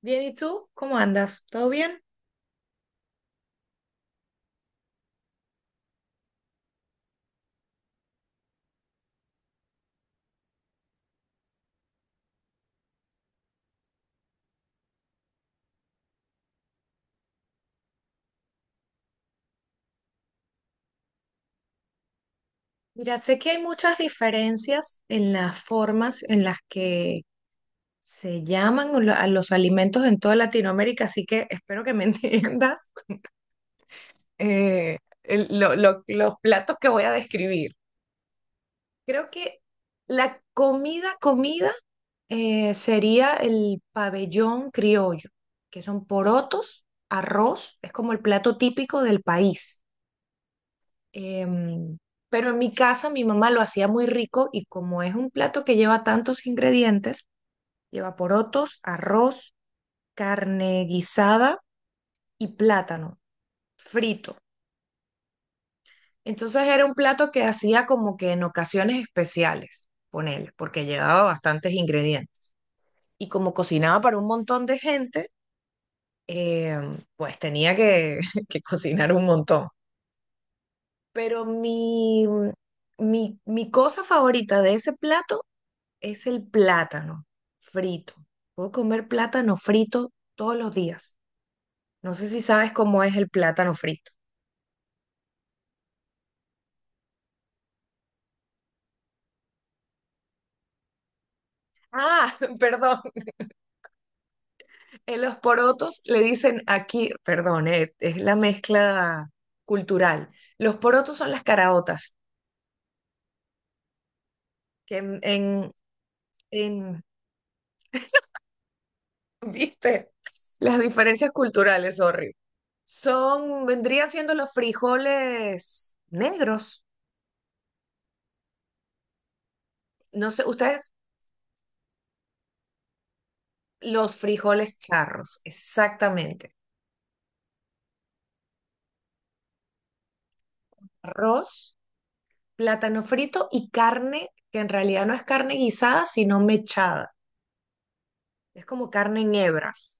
Bien, ¿y tú? ¿Cómo andas? ¿Todo bien? Mira, sé que hay muchas diferencias en las formas en las que se llaman a los alimentos en toda Latinoamérica, así que espero que me entiendas eh, los platos que voy a describir. Creo que la comida, comida, sería el pabellón criollo, que son porotos, arroz, es como el plato típico del país. Em, pero en mi casa mi mamá lo hacía muy rico, y como es un plato que lleva tantos ingredientes, lleva porotos, arroz, carne guisada y plátano frito. Entonces era un plato que hacía como que en ocasiones especiales, ponele, porque llevaba bastantes ingredientes. Y como cocinaba para un montón de gente, pues tenía que cocinar un montón. Pero mi cosa favorita de ese plato es el plátano frito. Puedo comer plátano frito todos los días. No sé si sabes cómo es el plátano frito. Ah, perdón. En los porotos le dicen aquí, perdón, es la mezcla cultural. Los porotos son las caraotas, que en- ¿viste? Las diferencias culturales, sorry. Son, vendrían siendo los frijoles negros. No sé, ustedes, los frijoles charros, exactamente. Arroz, plátano frito y carne, que en realidad no es carne guisada, sino mechada. Es como carne en hebras,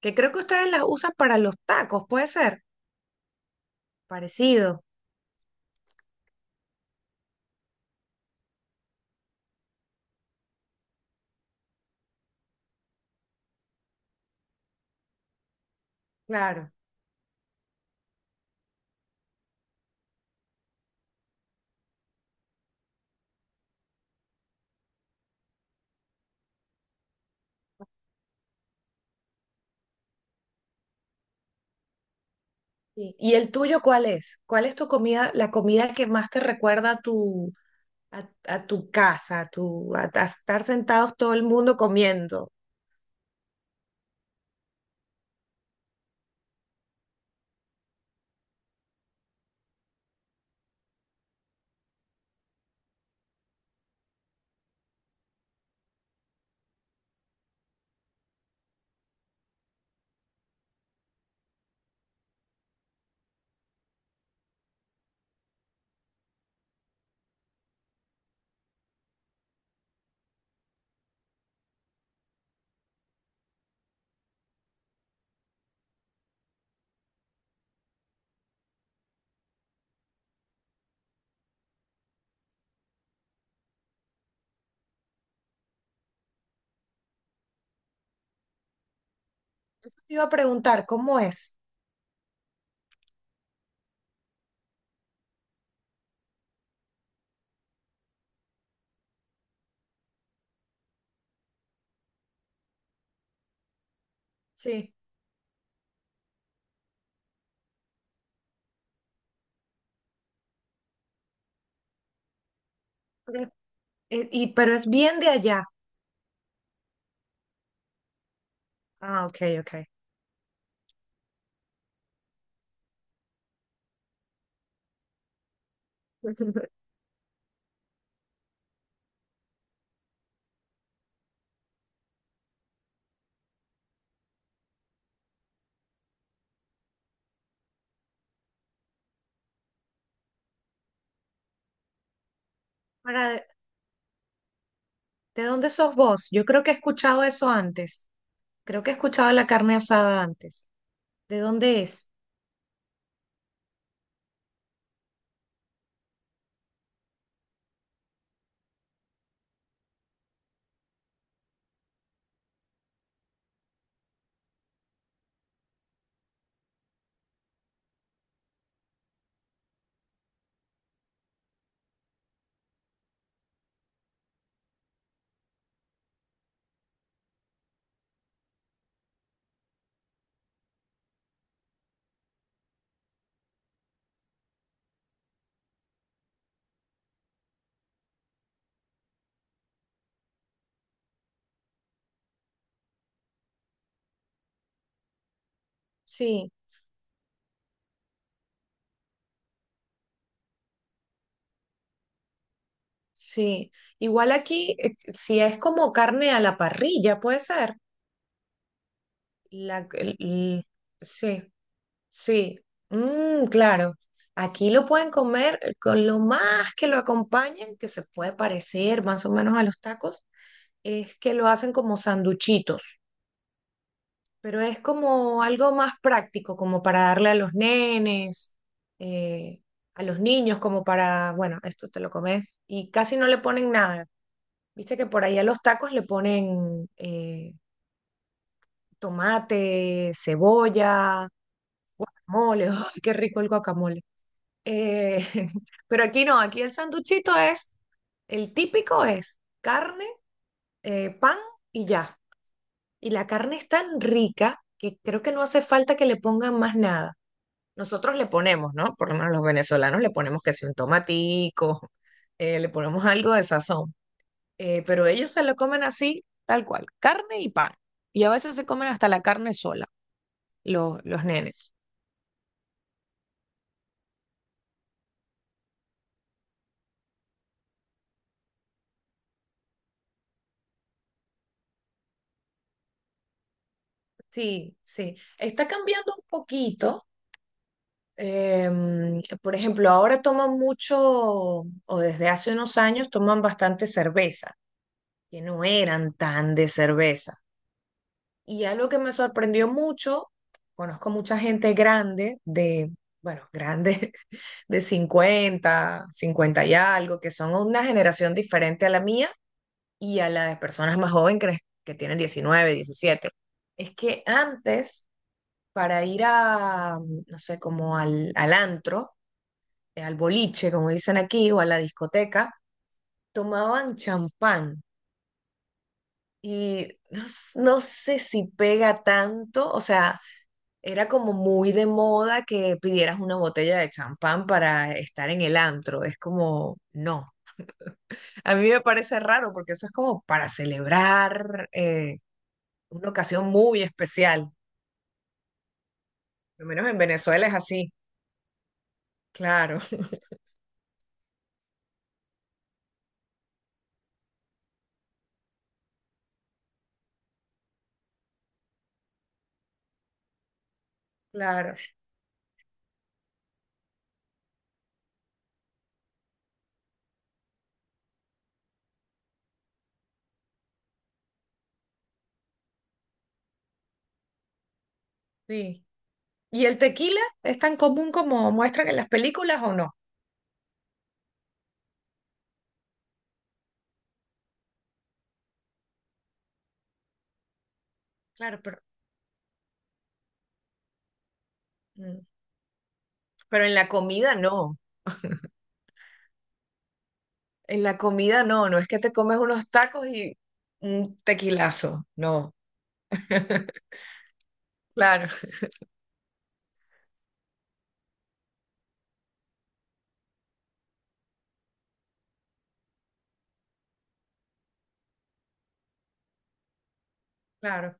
que creo que ustedes las usan para los tacos, ¿puede ser? Parecido. Claro. Sí. ¿Y el tuyo cuál es? ¿Cuál es tu comida, la comida que más te recuerda a a tu casa, a estar sentados todo el mundo comiendo? Eso te iba a preguntar, ¿cómo es? Sí. Pero- pero es bien de allá. Ah, ok, ok. Para, ¿de dónde sos vos? Yo creo que he escuchado eso antes. Creo que he escuchado la carne asada antes. ¿De dónde es? Sí, sí. Igual aquí, si es como carne a la parrilla, puede ser. La, el- el- sí, sí. Mm, claro. Aquí lo pueden comer con lo más que lo acompañen, que se puede parecer más o menos a los tacos, es que lo hacen como sanduchitos. Pero es como algo más práctico, como para darle a los nenes, eh, a los niños, como para, bueno, esto te lo comes. Y casi no le ponen nada. Viste que por ahí a los tacos le ponen tomate, cebolla, mole. ¡Ay, qué rico el guacamole! Eh, pero aquí no, aquí el sanduchito es, el típico es carne, pan y ya. Y la carne es tan rica que creo que no hace falta que le pongan más nada. Nosotros le ponemos, ¿no? Por lo menos los venezolanos le ponemos que si un tomatico, le ponemos algo de sazón. Pero ellos se lo comen así, tal cual, carne y pan. Y a veces se comen hasta la carne sola, los nenes. Sí, sí. Está cambiando un poquito. Em, por ejemplo, ahora toman mucho, o desde hace unos años toman bastante cerveza, que no eran tan de cerveza. Y algo que me sorprendió mucho, conozco mucha gente grande de, bueno, grande, de 50, 50 y algo, que son una generación diferente a la mía y a la de personas más jóvenes que tienen 19, 17. Es que antes, para ir a, no sé, como al, al antro, al boliche, como dicen aquí, o a la discoteca, tomaban champán. Y no sé si pega tanto, o sea, era como muy de moda que pidieras una botella de champán para estar en el antro. Es como, no. A mí me parece raro porque eso es como para celebrar una ocasión muy especial. Al menos en Venezuela es así. Claro, claro. Sí. ¿Y el tequila es tan común como muestran en las películas o no? Claro, pero, mm, pero en la comida no. En la comida no. No es que te comes unos tacos y un tequilazo. No. Claro. Claro.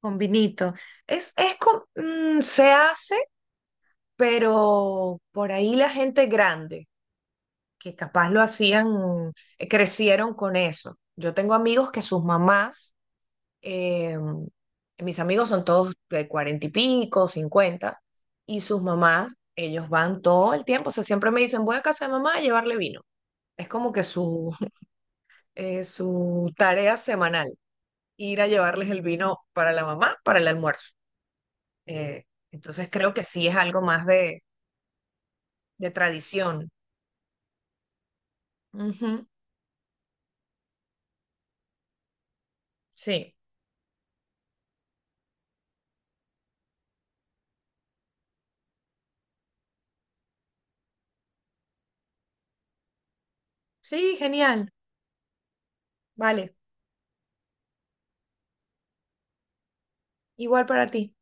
Con vinito. Es, se hace, pero por ahí la gente grande, que capaz lo hacían, crecieron con eso. Yo tengo amigos que sus mamás, eh, mis amigos son todos de 40 y pico, 50, y sus mamás, ellos van todo el tiempo, o sea, siempre me dicen, voy a casa de mamá a llevarle vino. Es como que su, su tarea semanal, ir a llevarles el vino para la mamá, para el almuerzo. Eh, entonces creo que sí es algo más de tradición. Ujú, sí, sí, genial. Vale, igual para ti.